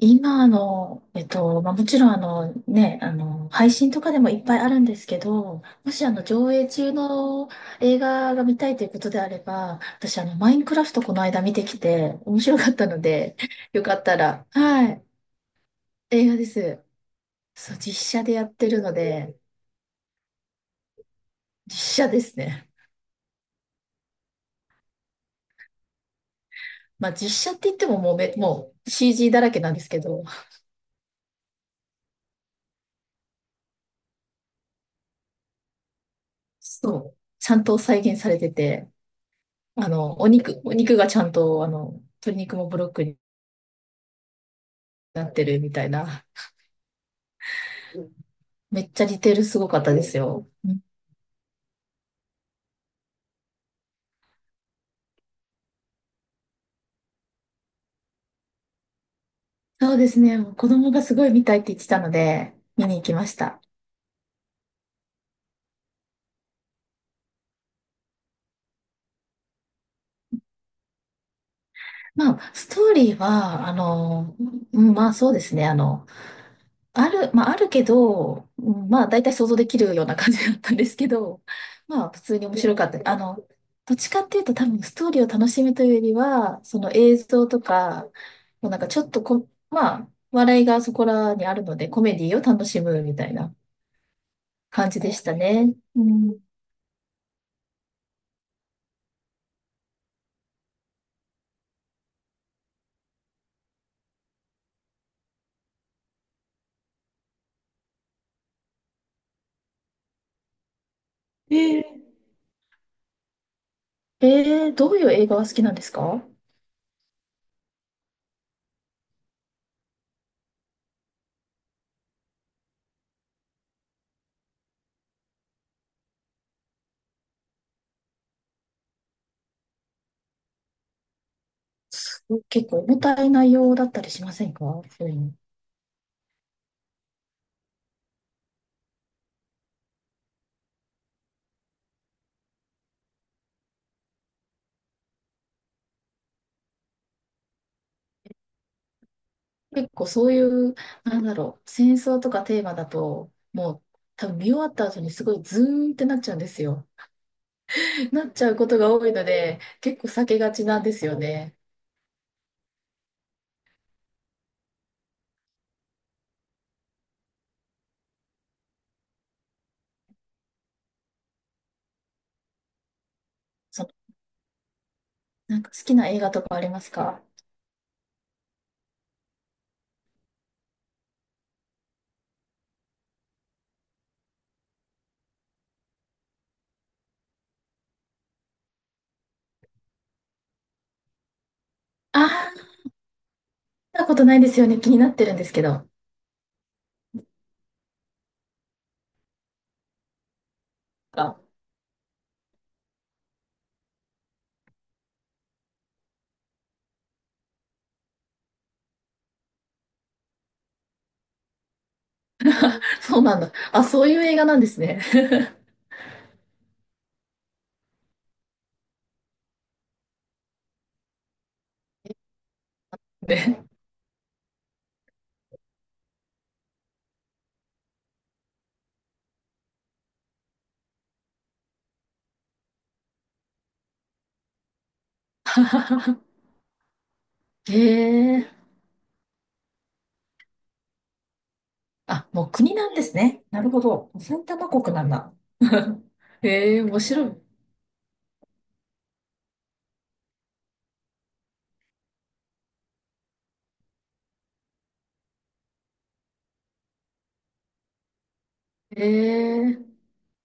今の、もちろん配信とかでもいっぱいあるんですけど、もし上映中の映画が見たいということであれば、私マインクラフトこの間見てきて、面白かったので、よかったら、はい、映画です。そう、実写でやってるので、実写ですね。まあ、実写って言ってももうめ、もう CG だらけなんですけど、そう、ちゃんと再現されてて、お肉がちゃんと、鶏肉もブロックなってるみたいな。めっちゃ似てるすごかったですよ。うん、そうですね。もう子供がすごい見たいって言ってたので、見に行きました。まあ、ストーリーは、まあそうですね。あの、ある、まああるけど、まあ大体想像できるような感じだったんですけど、まあ普通に面白かった。どっちかっていうと多分ストーリーを楽しむというよりは、その映像とか、もうなんかちょっとこ、まあ、笑いがそこらにあるので、コメディを楽しむみたいな感じでしたね。うん。えどういう映画が好きなんですか？すごい結構重たい内容だったりしませんか？そういうの。結構そういう、なんだろう、戦争とかテーマだと、もう多分見終わった後にすごいズーンってなっちゃうんですよ。なっちゃうことが多いので、結構避けがちなんですよね。その、なんか好きな映画とかありますか？ああー、見たことないですよね。気になってるんですけど。あ、そうなんだ。あ、そういう映画なんですね。ね。へえ。あ、もう国なんですね。なるほど。埼玉国なんだ。へえ、面白い。へえ、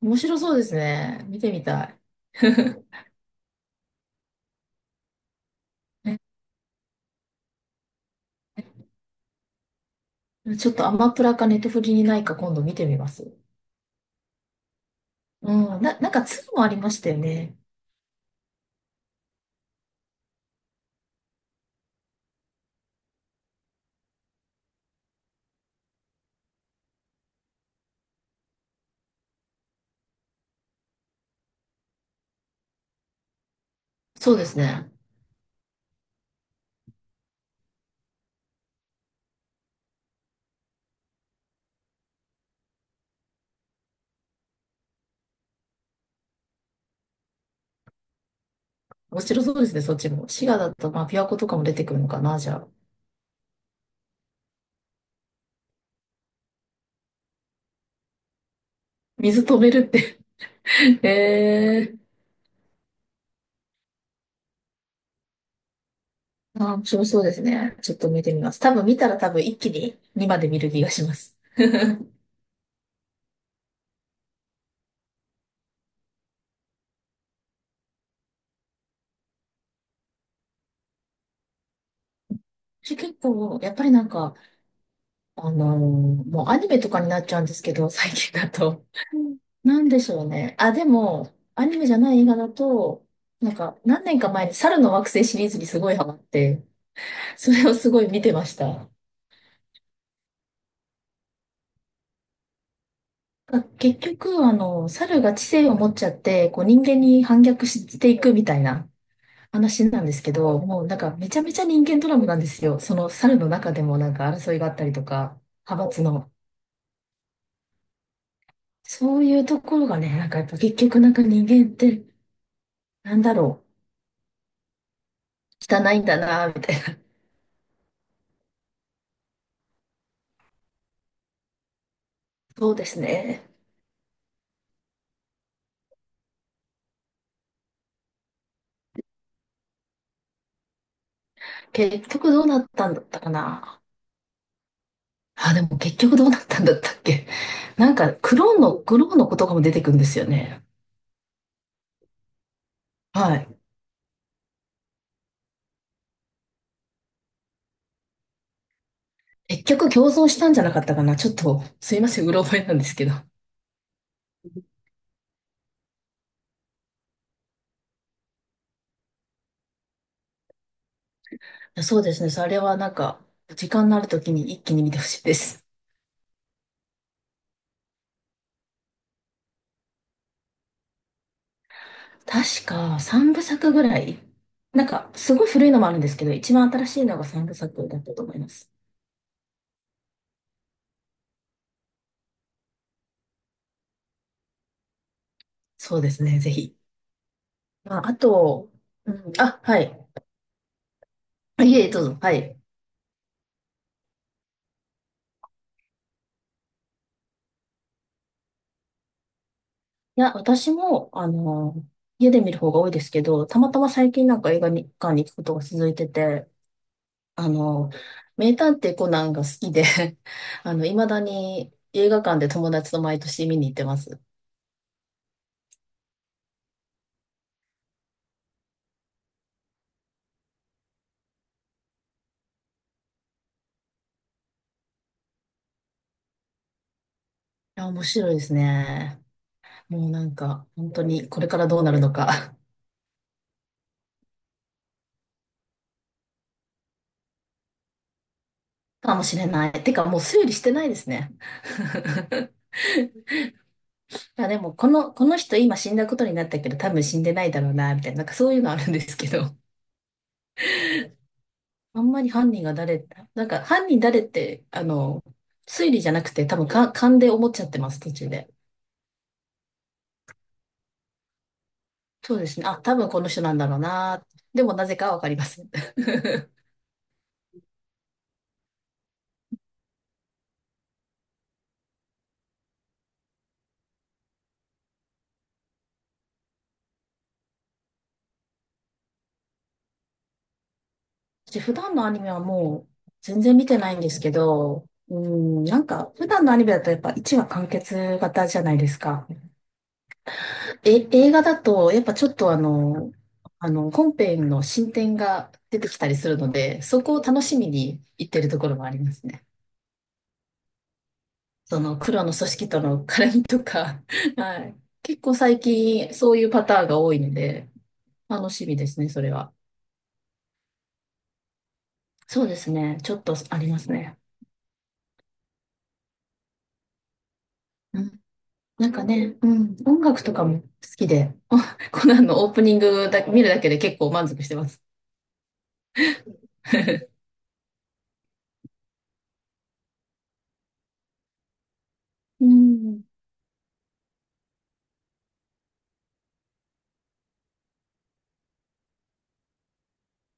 面白そうですね。見てみたい。ちょっとアマプラかネットフリにないか今度見てみます。うん、なんかツーもありましたよね。そうですね。面白そうですね、そっちも。滋賀だと、まあ、琵琶湖とかも出てくるのかな、じゃあ。水止めるって。 へえ。あ、面白そうですね。ちょっと見てみます。多分見たら多分一気に2まで見る気がします。私結構、やっぱりなんか、あのーもうアニメとかになっちゃうんですけど、最近だと。なんでしょうね。あ、でも、アニメじゃない映画だと、なんか、何年か前に猿の惑星シリーズにすごいハマって、それをすごい見てました。が結局、猿が知性を持っちゃって、こう人間に反逆していくみたいな話なんですけど、もうなんかめちゃめちゃ人間ドラマなんですよ。その猿の中でもなんか争いがあったりとか、派閥の。そういうところがね、なんかやっぱ結局なんか人間って、なんだろ汚いんだな、みたいな。そうですね。結局どうなったんだったかな。あ、でも結局どうなったんだったっけ。なんか、クローンのことかも出てくるんですよね。はい。結局共存したんじゃなかったかな。ちょっと、すいません、うろ覚えなんですけど。そうですね。それはなんか、時間のある時に一気に見てほしいです。確か3部作ぐらい。なんか、すごい古いのもあるんですけど、一番新しいのが3部作だったと思います。そうですね、ぜひ。まあ、あと、うん、あ、はい。あ、いえ、どうぞ。はい。いや、私も、家で見る方が多いですけど、たまたま最近なんか映画館に行くことが続いてて、あの、名探偵コナンが好きで あの、未だに映画館で友達と毎年見に行ってます。いや、面白いですね。もうなんか、本当にこれからどうなるのかかもしれない。てか、もう推理してないですね。まあでも、この人今死んだことになったけど、多分死んでないだろうな、みたいな、なんかそういうのあるんですけど、あんまり犯人が誰、なんか犯人誰って、推理じゃなくて、多分か勘で思っちゃってます、途中で。そうですね。あ、多分この人なんだろうな。でもなぜかはわかります。私普段のアニメはもう全然見てないんですけど、うん、なんか普段のアニメだとやっぱ1話完結型じゃないですか。え、映画だと、やっぱちょっと本編の進展が出てきたりするので、そこを楽しみに行ってるところもありますね。その黒の組織との絡みとか、はい。結構最近そういうパターンが多いので、楽しみですね、それは。そうですね、ちょっとありますね。うん。なんかね、うん、音楽とかも好きで、コナンのオープニングだ、見るだけで結構満足してます。うん。